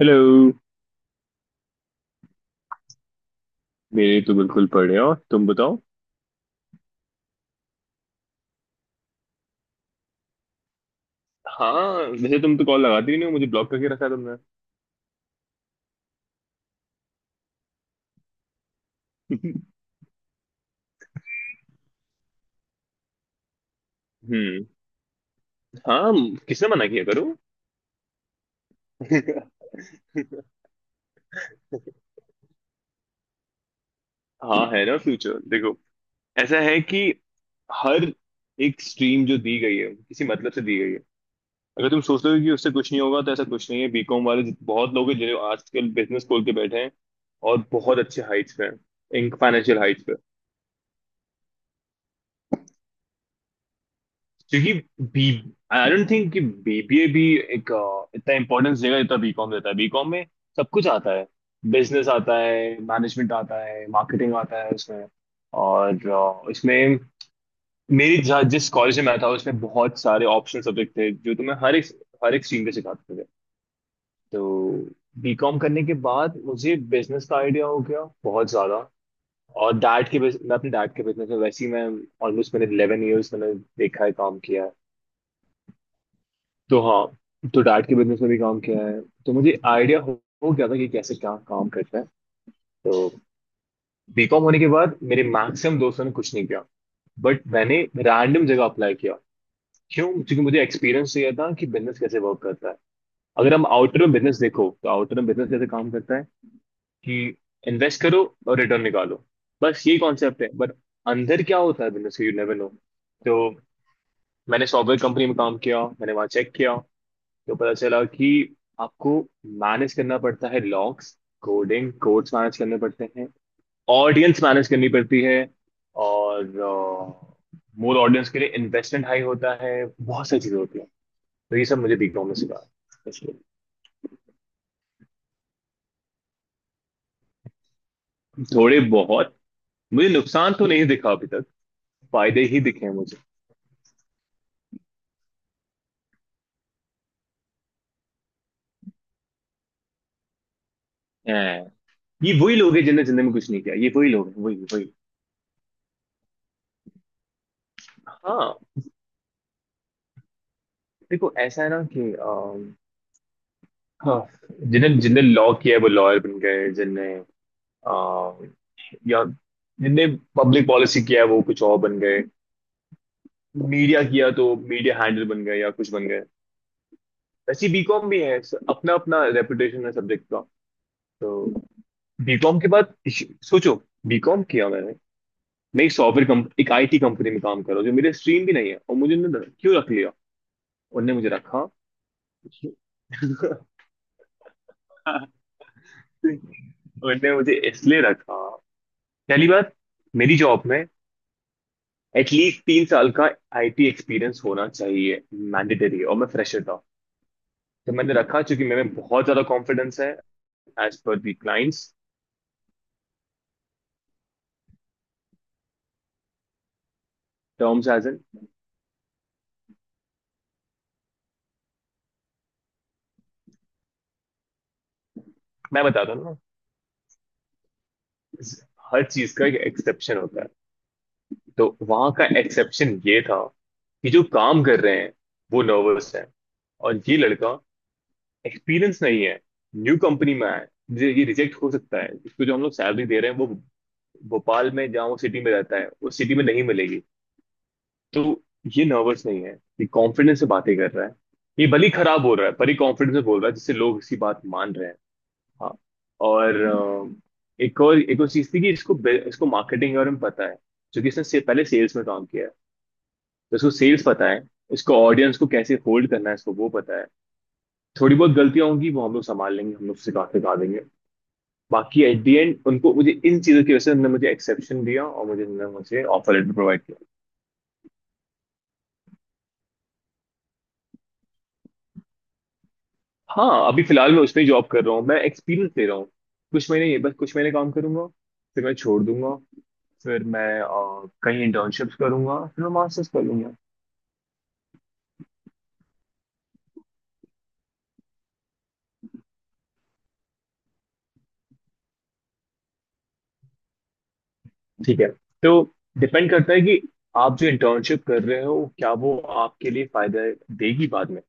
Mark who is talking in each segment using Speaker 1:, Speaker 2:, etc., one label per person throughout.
Speaker 1: Hello. मेरे तो बिल्कुल पढ़े हो, तुम बताओ। हाँ, वैसे तुम तो कॉल लगाती ही नहीं हो, मुझे ब्लॉक करके रखा है तुमने। हम्म। हाँ, किसने मना किया, करो। हाँ है ना, फ्यूचर, देखो ऐसा है कि हर एक स्ट्रीम जो दी गई है, किसी मतलब से दी गई है। अगर तुम सोच रहे हो कि उससे कुछ नहीं होगा तो ऐसा कुछ नहीं है। बीकॉम वाले बहुत लोग हैं जो आजकल बिजनेस खोल के बैठे हैं और बहुत अच्छे हाइट्स पे हैं, इन फाइनेंशियल हाइट्स। क्योंकि बी आई डोंट थिंक कि बीबीए भी एक इतना इंपॉर्टेंस देगा जितना बीकॉम देता है। बीकॉम में सब कुछ आता है, बिजनेस आता है, मैनेजमेंट आता है, मार्केटिंग आता है उसमें। और इसमें जिस कॉलेज में मैं था उसमें बहुत सारे ऑप्शनल सब्जेक्ट थे जो तुम्हें हर एक स्ट्रीम पे सिखाते थे। तो बीकॉम करने के बाद मुझे बिजनेस का आइडिया हो गया बहुत ज्यादा। और मैं अपने डैड के बिजनेस में वैसे ही, मैं ऑलमोस्ट मैंने 11 ईयर्स मैंने देखा है, काम किया है। तो हाँ, तो डाट के बिजनेस में भी काम किया है। तो मुझे हो गया था कि कैसे क्या काम करता है। तो बीकॉम होने के बाद मेरे मैक्सिमम दोस्तों ने कुछ नहीं किया, बट मैंने रैंडम जगह अप्लाई किया। क्यों? क्योंकि मुझे एक्सपीरियंस चाहिए था कि बिजनेस कैसे वर्क करता है। अगर हम आउटर में बिजनेस देखो तो आउटर में बिजनेस कैसे काम करता है कि इन्वेस्ट करो और रिटर्न निकालो। बस यही कॉन्सेप्ट है, बट अंदर क्या होता है बिजनेस का, यू नेवर नो। तो मैंने सॉफ्टवेयर कंपनी में काम किया, मैंने वहाँ चेक किया। तो पता चला कि आपको मैनेज करना पड़ता है लॉग्स, कोडिंग कोड्स मैनेज करने पड़ते हैं, ऑडियंस मैनेज करनी पड़ती है। और मोर ऑडियंस के लिए इन्वेस्टमेंट हाई होता है। बहुत सारी चीजें होती हैं। तो ये सब मुझे दिखा में सिखा, इसलिए। थोड़े बहुत मुझे नुकसान तो नहीं दिखा अभी तक, फायदे ही दिखे हैं मुझे। हैं। ये वही लोग हैं जिन्होंने जिंदगी में कुछ नहीं किया। ये वही लोग हैं, वही वही। हाँ, देखो ऐसा है ना कि हाँ, जिन्हें जिन्हें लॉ किया है वो लॉयर बन गए, जिनने अ, या जिनने पब्लिक पॉलिसी किया है वो कुछ और बन गए। मीडिया किया तो मीडिया हैंडल बन गए या कुछ बन गए। वैसे बीकॉम भी है, अपना अपना रेपुटेशन है सब्जेक्ट का। तो बीकॉम के बाद सोचो, बीकॉम किया मैंने, मैं एक सॉफ्टवेयर कंप एक आईटी कंपनी में काम कर रहा हूँ जो मेरे स्ट्रीम भी नहीं है, और मुझे उन्होंने क्यों रख लिया? उनने मुझे रखा। उनने मुझे इसलिए रखा। पहली बात, मेरी जॉब में एटलीस्ट 3 साल का आईटी एक्सपीरियंस होना चाहिए, मैंडेटरी है, और मैं फ्रेशर था। तो मैंने रखा क्योंकि मेरे में बहुत ज्यादा कॉन्फिडेंस है, as per the clients terms as an. मैं बताता हूँ ना, हर चीज का एक एक्सेप्शन होता है। तो वहां का एक्सेप्शन ये था कि जो काम कर रहे हैं वो नर्वस है, और ये लड़का, एक्सपीरियंस नहीं है, न्यू कंपनी में आया है, मुझे ये रिजेक्ट हो सकता है। इसको जो हम लोग सैलरी दे रहे हैं वो भोपाल में, जहाँ वो सिटी में रहता है उस सिटी में नहीं मिलेगी। तो ये नर्वस नहीं है, ये कॉन्फिडेंस से बातें कर रहा है, ये भले ही खराब बोल रहा है पर ये कॉन्फिडेंस से बोल रहा है जिससे लोग इसकी बात मान रहे हैं। हाँ, और एक और चीज थी कि इसको मार्केटिंग के बारे में पता है, जो कि पहले सेल्स में काम किया है। तो इसको सेल्स पता है, इसको ऑडियंस को कैसे होल्ड करना है इसको वो पता है। थोड़ी बहुत गलतियां होंगी वो हम लोग संभाल लेंगे, हम लोग सिखा सिखा देंगे। बाकी एट दी एंड उनको, मुझे इन चीजों की वजह से उन्होंने मुझे एक्सेप्शन दिया और मुझे उन्होंने मुझे ऑफर लेटर प्रोवाइड किया। हाँ, अभी फिलहाल मैं उसमें ही जॉब कर रहा हूँ, मैं एक्सपीरियंस ले रहा हूँ। कुछ महीने, ये बस कुछ महीने काम करूंगा, फिर मैं छोड़ दूंगा। फिर मैं कहीं इंटर्नशिप्स करूंगा, फिर मैं मास्टर्स कर लूंगा। ठीक है, तो डिपेंड करता है कि आप जो इंटर्नशिप कर रहे हो क्या वो आपके लिए फायदा देगी बाद में।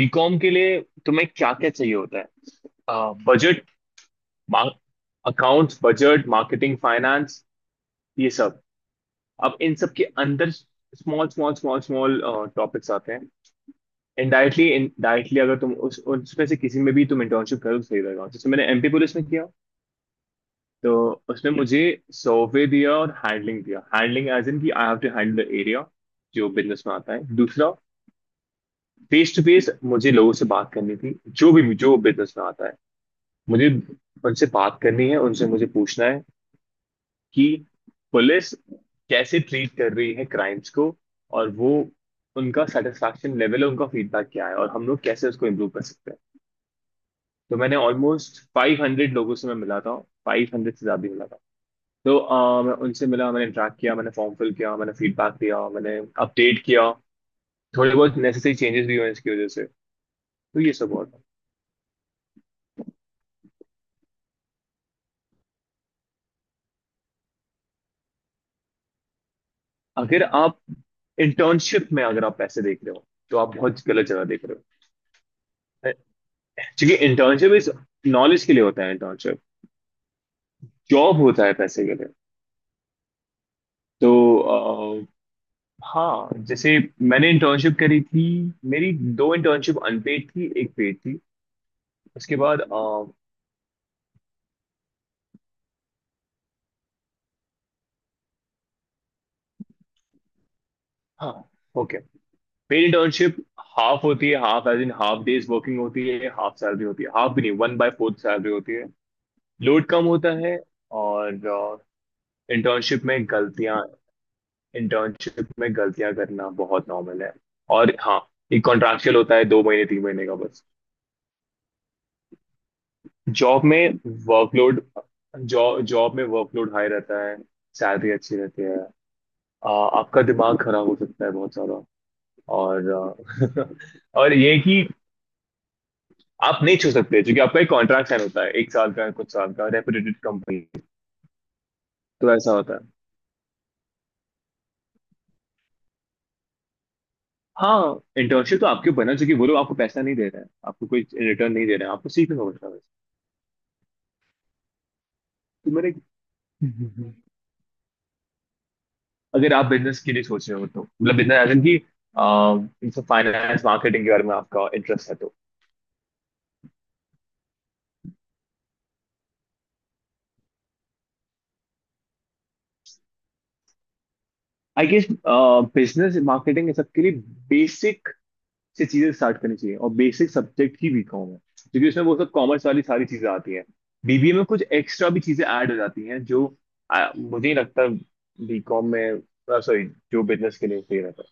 Speaker 1: बीकॉम के लिए तुम्हें क्या क्या चाहिए होता है? Budget, accounts, budget, marketing, finance, ये सब। अब इन सब के अंदर स्मॉल स्मॉल टॉपिक्स आते हैं। इनडायरेक्टली इनडायरेक्टली अगर तुम उस उसमें से किसी में भी तुम इंटर्नशिप करो तो सही रहेगा। जैसे मैंने एमपी पुलिस में किया, तो उसमें मुझे सर्वे दिया और हैंडलिंग दिया। हैंडलिंग एज इन कि I have to handle the area, जो बिजनेस में आता है। दूसरा, फेस टू फेस मुझे लोगों से बात करनी थी, जो भी जो बिजनेस में आता है। मुझे उनसे बात करनी है, उनसे मुझे पूछना है कि पुलिस कैसे ट्रीट कर रही है क्राइम्स को, और वो उनका सेटिस्फैक्शन लेवल, उनका फीडबैक क्या है और हम लोग कैसे उसको इम्प्रूव कर सकते हैं। तो मैंने ऑलमोस्ट 500 लोगों से मैं मिला था, 500 से ज़्यादा ही मिला था। तो मैं उनसे मिला, मैंने इंटरेक्ट किया, मैंने फॉर्म फिल किया, मैंने फीडबैक दिया, मैंने अपडेट किया। थोड़े बहुत नेसेसरी चेंजेस भी हुए इसकी वजह से। तो ये सब हुआ था। अगर आप इंटर्नशिप में अगर आप पैसे देख रहे हो तो आप बहुत गलत जगह देख रहे हो। क्योंकि इंटर्नशिप इस नॉलेज के लिए होता है, इंटर्नशिप। जॉब होता है पैसे के लिए। तो अ, हाँ, जैसे मैंने इंटर्नशिप करी थी, मेरी 2 इंटर्नशिप अनपेड थी एक पेड थी। उसके बाद, हाँ, ओके। पेड इंटर्नशिप हाफ होती है, half as in half days working होती है, हाफ सैलरी होती है, हाफ भी नहीं, वन बाय फोर्थ सैलरी होती है। लोड कम होता है, और इंटर्नशिप में गलतियां, इंटर्नशिप में गलतियां करना बहुत नॉर्मल है। और हाँ, ये कॉन्ट्रैक्चुअल होता है, 2 महीने 3 महीने का बस। जॉब में वर्कलोड, जॉब जॉब में वर्कलोड हाई रहता है, सैलरी अच्छी रहती है। आ, आपका दिमाग खराब हो सकता है बहुत सारा। और और ये कि आप नहीं छू सकते क्योंकि आपका एक कॉन्ट्रैक्ट साइन होता है, 1 साल का कुछ साल का, रेपुटेटेड कंपनी। तो ऐसा होता है। हाँ, इंटर्नशिप तो आपके बना चूंकि वो लोग आपको पैसा नहीं दे रहे हैं, आपको कोई रिटर्न नहीं दे रहे हैं, आपको सीखना होता है बस। तो मेरे, अगर आप बिजनेस के लिए सोच रहे हो तो मतलब, बिजनेस एज इन की, अह, फाइनेंस मार्केटिंग के बारे में आपका इंटरेस्ट है तो। आई गेस, बिजनेस मार्केटिंग सबके लिए बेसिक से चीजें स्टार्ट करनी चाहिए, और बेसिक सब्जेक्ट ही बीकॉम है। क्योंकि उसमें वो सब कॉमर्स वाली सारी चीजें आती हैं। बीबीए में कुछ एक्स्ट्रा भी चीजें ऐड हो जाती हैं जो मुझे नहीं लगता बीकॉम में, सॉरी, जो बिजनेस के लिए सही रहता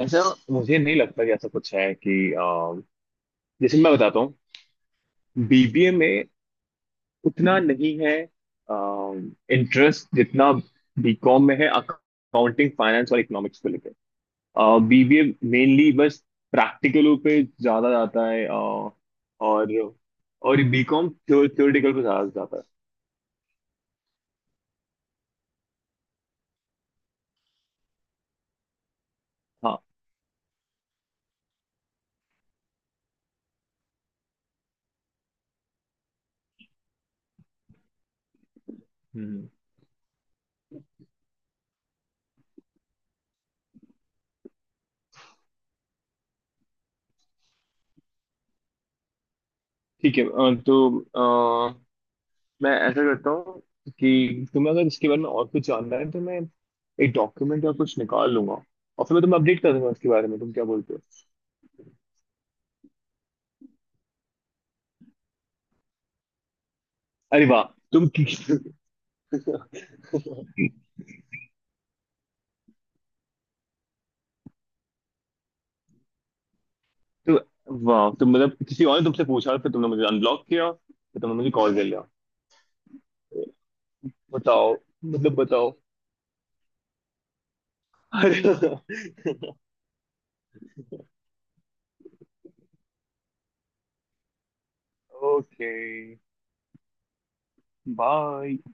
Speaker 1: है। ऐसा मुझे नहीं लगता कि ऐसा कुछ है कि जैसे मैं बताता हूँ, बीबीए में उतना नहीं है इंटरेस्ट जितना बीकॉम में है अकाउंटिंग, फाइनेंस और इकोनॉमिक्स को लेकर। बीबीए मेनली बस प्रैक्टिकलों पे ज्यादा जाता है, और और बीकॉम थ्योरेटिकल पे ज्यादा जाता है। हाँ। हम्म। ठीक है, तो अ, मैं ऐसा करता हूँ कि तुम्हें अगर इसके बारे में और कुछ जानना है तो मैं एक डॉक्यूमेंट या कुछ निकाल लूंगा और फिर मैं तुम्हें अपडेट कर दूंगा उसके बारे में। तुम क्या बोलते हो? अरे वाह, तुम कि- तो वाह, तुम मतलब किसी और ने तुमसे पूछा, फिर तुमने मुझे अनब्लॉक किया, फिर तुमने मुझे कॉल कर लिया। बताओ, मतलब बताओ। Okay, bye.